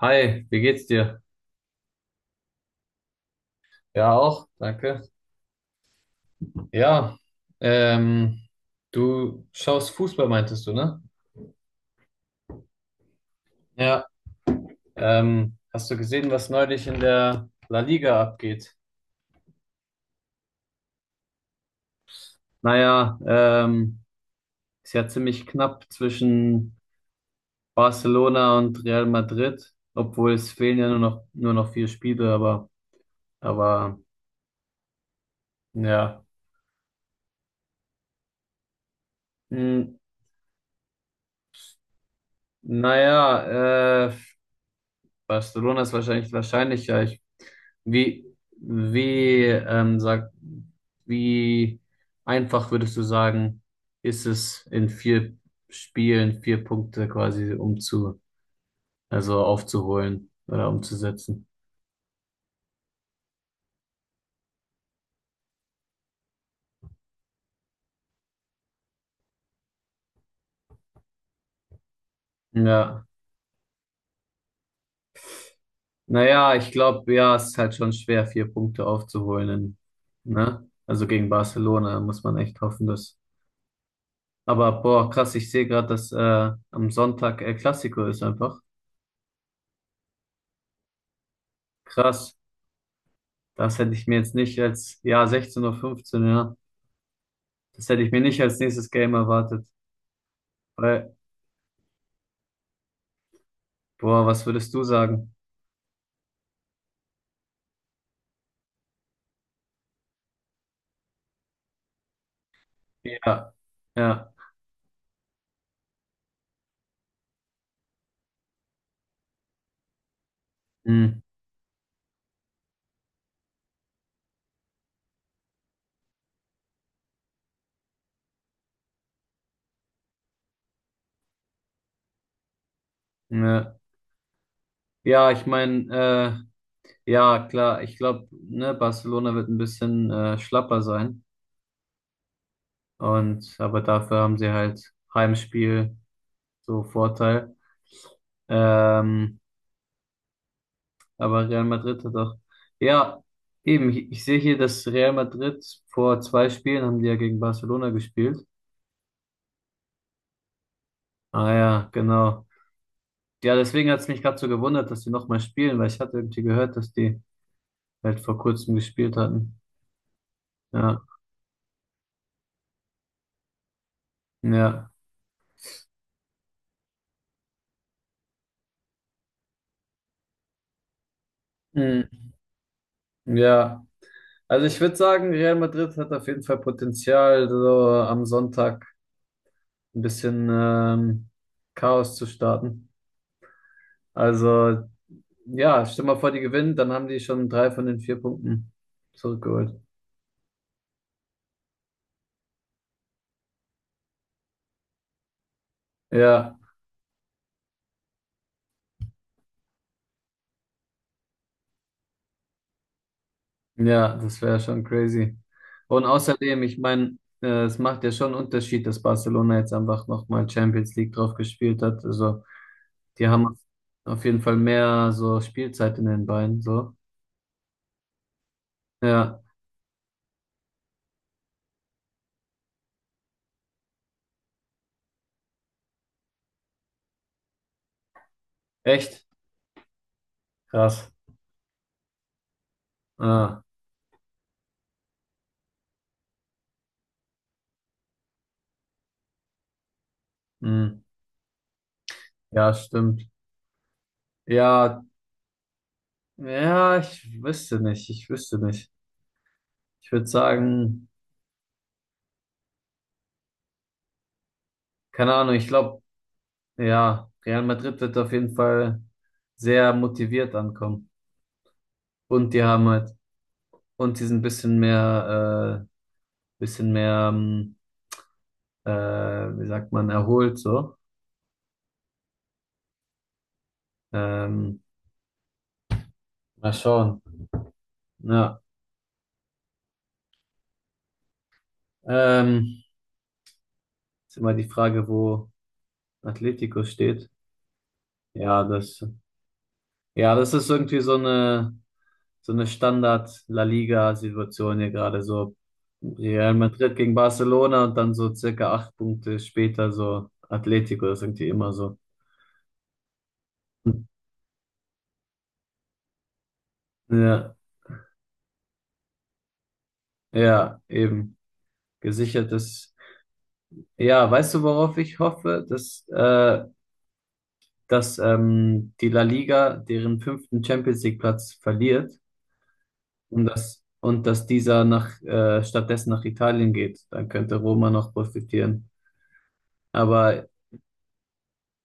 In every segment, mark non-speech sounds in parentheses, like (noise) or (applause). Hi, wie geht's dir? Ja, auch, danke. Ja, ähm, du schaust Fußball, meintest du, ne? Ja. Hast du gesehen, was neulich in der La Liga abgeht? Naja, ist ja ziemlich knapp zwischen Barcelona und Real Madrid, obwohl es fehlen ja nur noch vier Spiele, aber, ja. Hm, naja, Barcelona ist wahrscheinlich wahrscheinlicher. Ich Sag, wie einfach würdest du sagen, ist es in vier Spielen vier Punkte quasi also aufzuholen oder umzusetzen? Ja. Naja, ich glaube, ja, es ist halt schon schwer, vier Punkte aufzuholen, ne? Also gegen Barcelona muss man echt hoffen, dass. Aber boah, krass, ich sehe gerade, dass am Sonntag El Clasico ist einfach. Krass, das hätte ich mir jetzt nicht als, ja, 16.15 Uhr, fünfzehn, ja. Das hätte ich mir nicht als nächstes Game erwartet. Weil, boah, was würdest du sagen? Ja, ja, hm, ja. Ja, ich meine, ja, klar, ich glaube, ne, Barcelona wird ein bisschen schlapper sein. Und aber dafür haben sie halt Heimspiel so Vorteil. Ähm, aber Real Madrid hat auch. Ja, eben, ich sehe hier, dass Real Madrid vor zwei Spielen haben die ja gegen Barcelona gespielt. Ah ja, genau. Ja, deswegen hat es mich gerade so gewundert, dass die nochmal spielen, weil ich hatte irgendwie gehört, dass die halt vor kurzem gespielt hatten. Ja, ja, hm, ja. Also ich würde sagen, Real Madrid hat auf jeden Fall Potenzial, so am Sonntag ein bisschen Chaos zu starten. Also ja, stell mal vor, die gewinnen, dann haben die schon drei von den vier Punkten zurückgeholt. Ja. Ja, das wäre schon crazy. Und außerdem, ich meine, es macht ja schon einen Unterschied, dass Barcelona jetzt einfach nochmal Champions League drauf gespielt hat. Also, die haben auf jeden Fall mehr so Spielzeit in den Beinen, so. Ja, echt krass. Ah, mh. Ja, stimmt. Ja, ja, ich wüsste nicht, ich wüsste nicht. Ich würde sagen, keine Ahnung, ich glaube, ja, Real Madrid wird auf jeden Fall sehr motiviert ankommen. Und die haben halt und sie sind ein bisschen mehr, bisschen mehr, ähm, wie sagt man, erholt so. Ähm, Mal schauen. Ja, ähm, ist immer die Frage, wo Atletico steht. Ja, ja, das ist irgendwie so eine Standard-La Liga-Situation hier gerade so. Real Madrid gegen Barcelona und dann so circa acht Punkte später so Atletico, das ist irgendwie immer so. Ja, ja, eben. Gesichertes. Ja, weißt du, worauf ich hoffe? Dass die La Liga deren fünften Champions League Platz verliert und dass dieser stattdessen nach Italien geht. Dann könnte Roma noch profitieren. Aber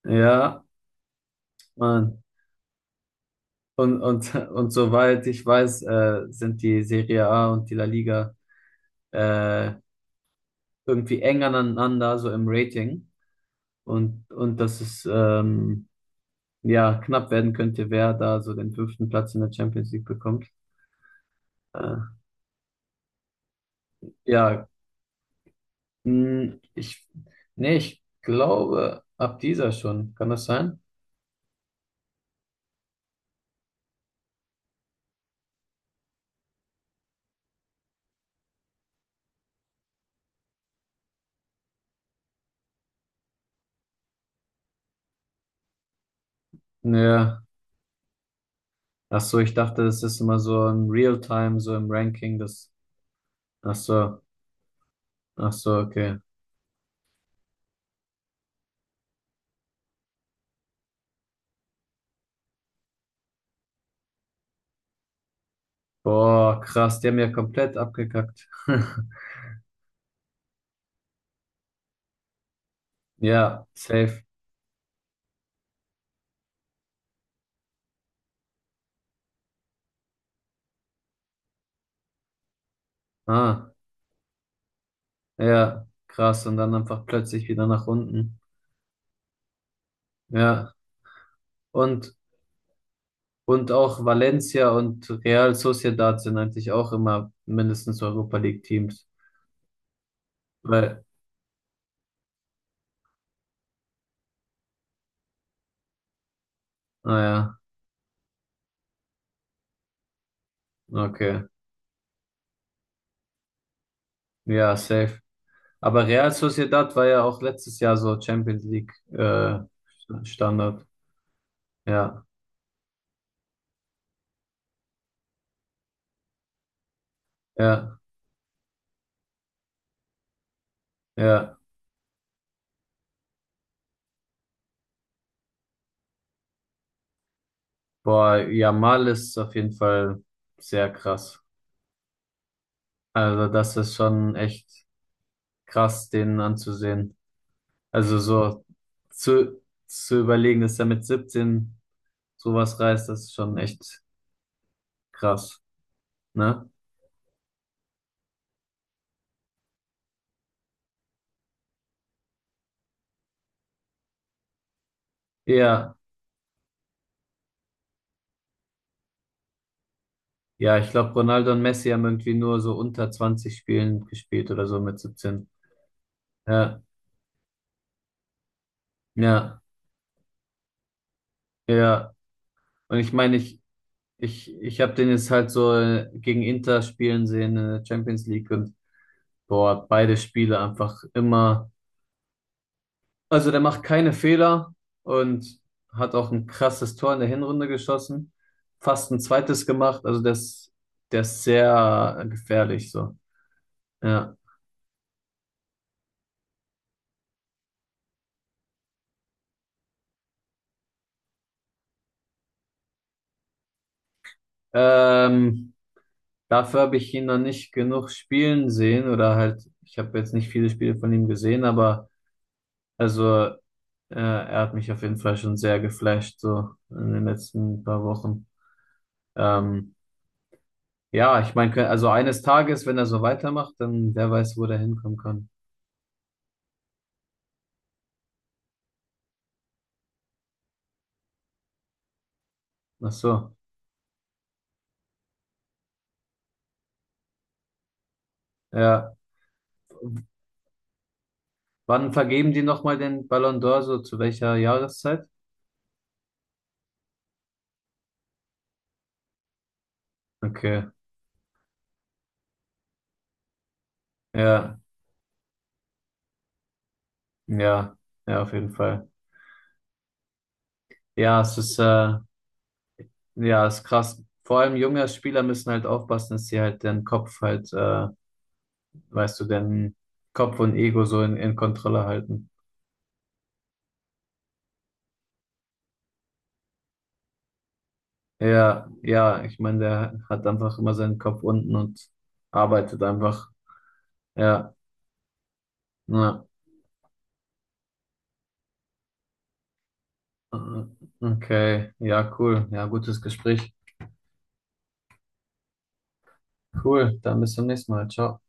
ja, Mann. Und soweit ich weiß, sind die Serie A und die La Liga äh, irgendwie eng aneinander, so im Rating. Und das ist, ja knapp werden könnte, wer da so den fünften Platz in der Champions League bekommt. Äh, ja, mh, ich, nee, ich glaube, ab dieser schon. Kann das sein? Ja. Ach so, ich dachte, das ist immer so im Real-Time, so im Ranking, das. Ach so, ach so, okay. Boah, krass, die haben ja komplett abgekackt. (laughs) Ja, safe. Ah, ja, krass. Und dann einfach plötzlich wieder nach unten. Ja. Und Und auch Valencia und Real Sociedad sind eigentlich auch immer mindestens Europa League Teams. Weil, naja, okay. Ja, safe. Aber Real Sociedad war ja auch letztes Jahr so Champions League Standard. Ja, ja, ja. Boah, Yamal ist auf jeden Fall sehr krass. Also das ist schon echt krass, den anzusehen. Also so zu, zu überlegen, dass er mit 17 sowas reißt, das ist schon echt krass. Ne? Ja, ja, ich glaube, Ronaldo und Messi haben irgendwie nur so unter 20 Spielen gespielt oder so mit 17. Ja, ja, ja. Und ich meine, ich habe den jetzt halt so gegen Inter spielen sehen in der Champions League und boah, beide Spiele einfach immer. Also der macht keine Fehler und hat auch ein krasses Tor in der Hinrunde geschossen, fast ein zweites gemacht. Also der ist sehr gefährlich so. Ja. Ähm, Dafür habe ich ihn noch nicht genug spielen sehen oder halt, ich habe jetzt nicht viele Spiele von ihm gesehen, aber also er hat mich auf jeden Fall schon sehr geflasht, so in den letzten paar Wochen. Ähm, ja, ich meine, also eines Tages, wenn er so weitermacht, dann wer weiß, wo der hinkommen kann. Ach so, ja. Wann vergeben die nochmal den Ballon d'Or, so zu welcher Jahreszeit? Okay, ja, ja, ja, auf jeden Fall. Ja, es ist ja, ist krass. Vor allem junge Spieler müssen halt aufpassen, dass sie halt den Kopf halt, weißt du, den Kopf und Ego so in Kontrolle halten. Ja, ja, ich meine, der hat einfach immer seinen Kopf unten und arbeitet einfach. Ja, na, okay, ja, cool. Ja, gutes Gespräch. Cool, dann bis zum nächsten Mal. Ciao.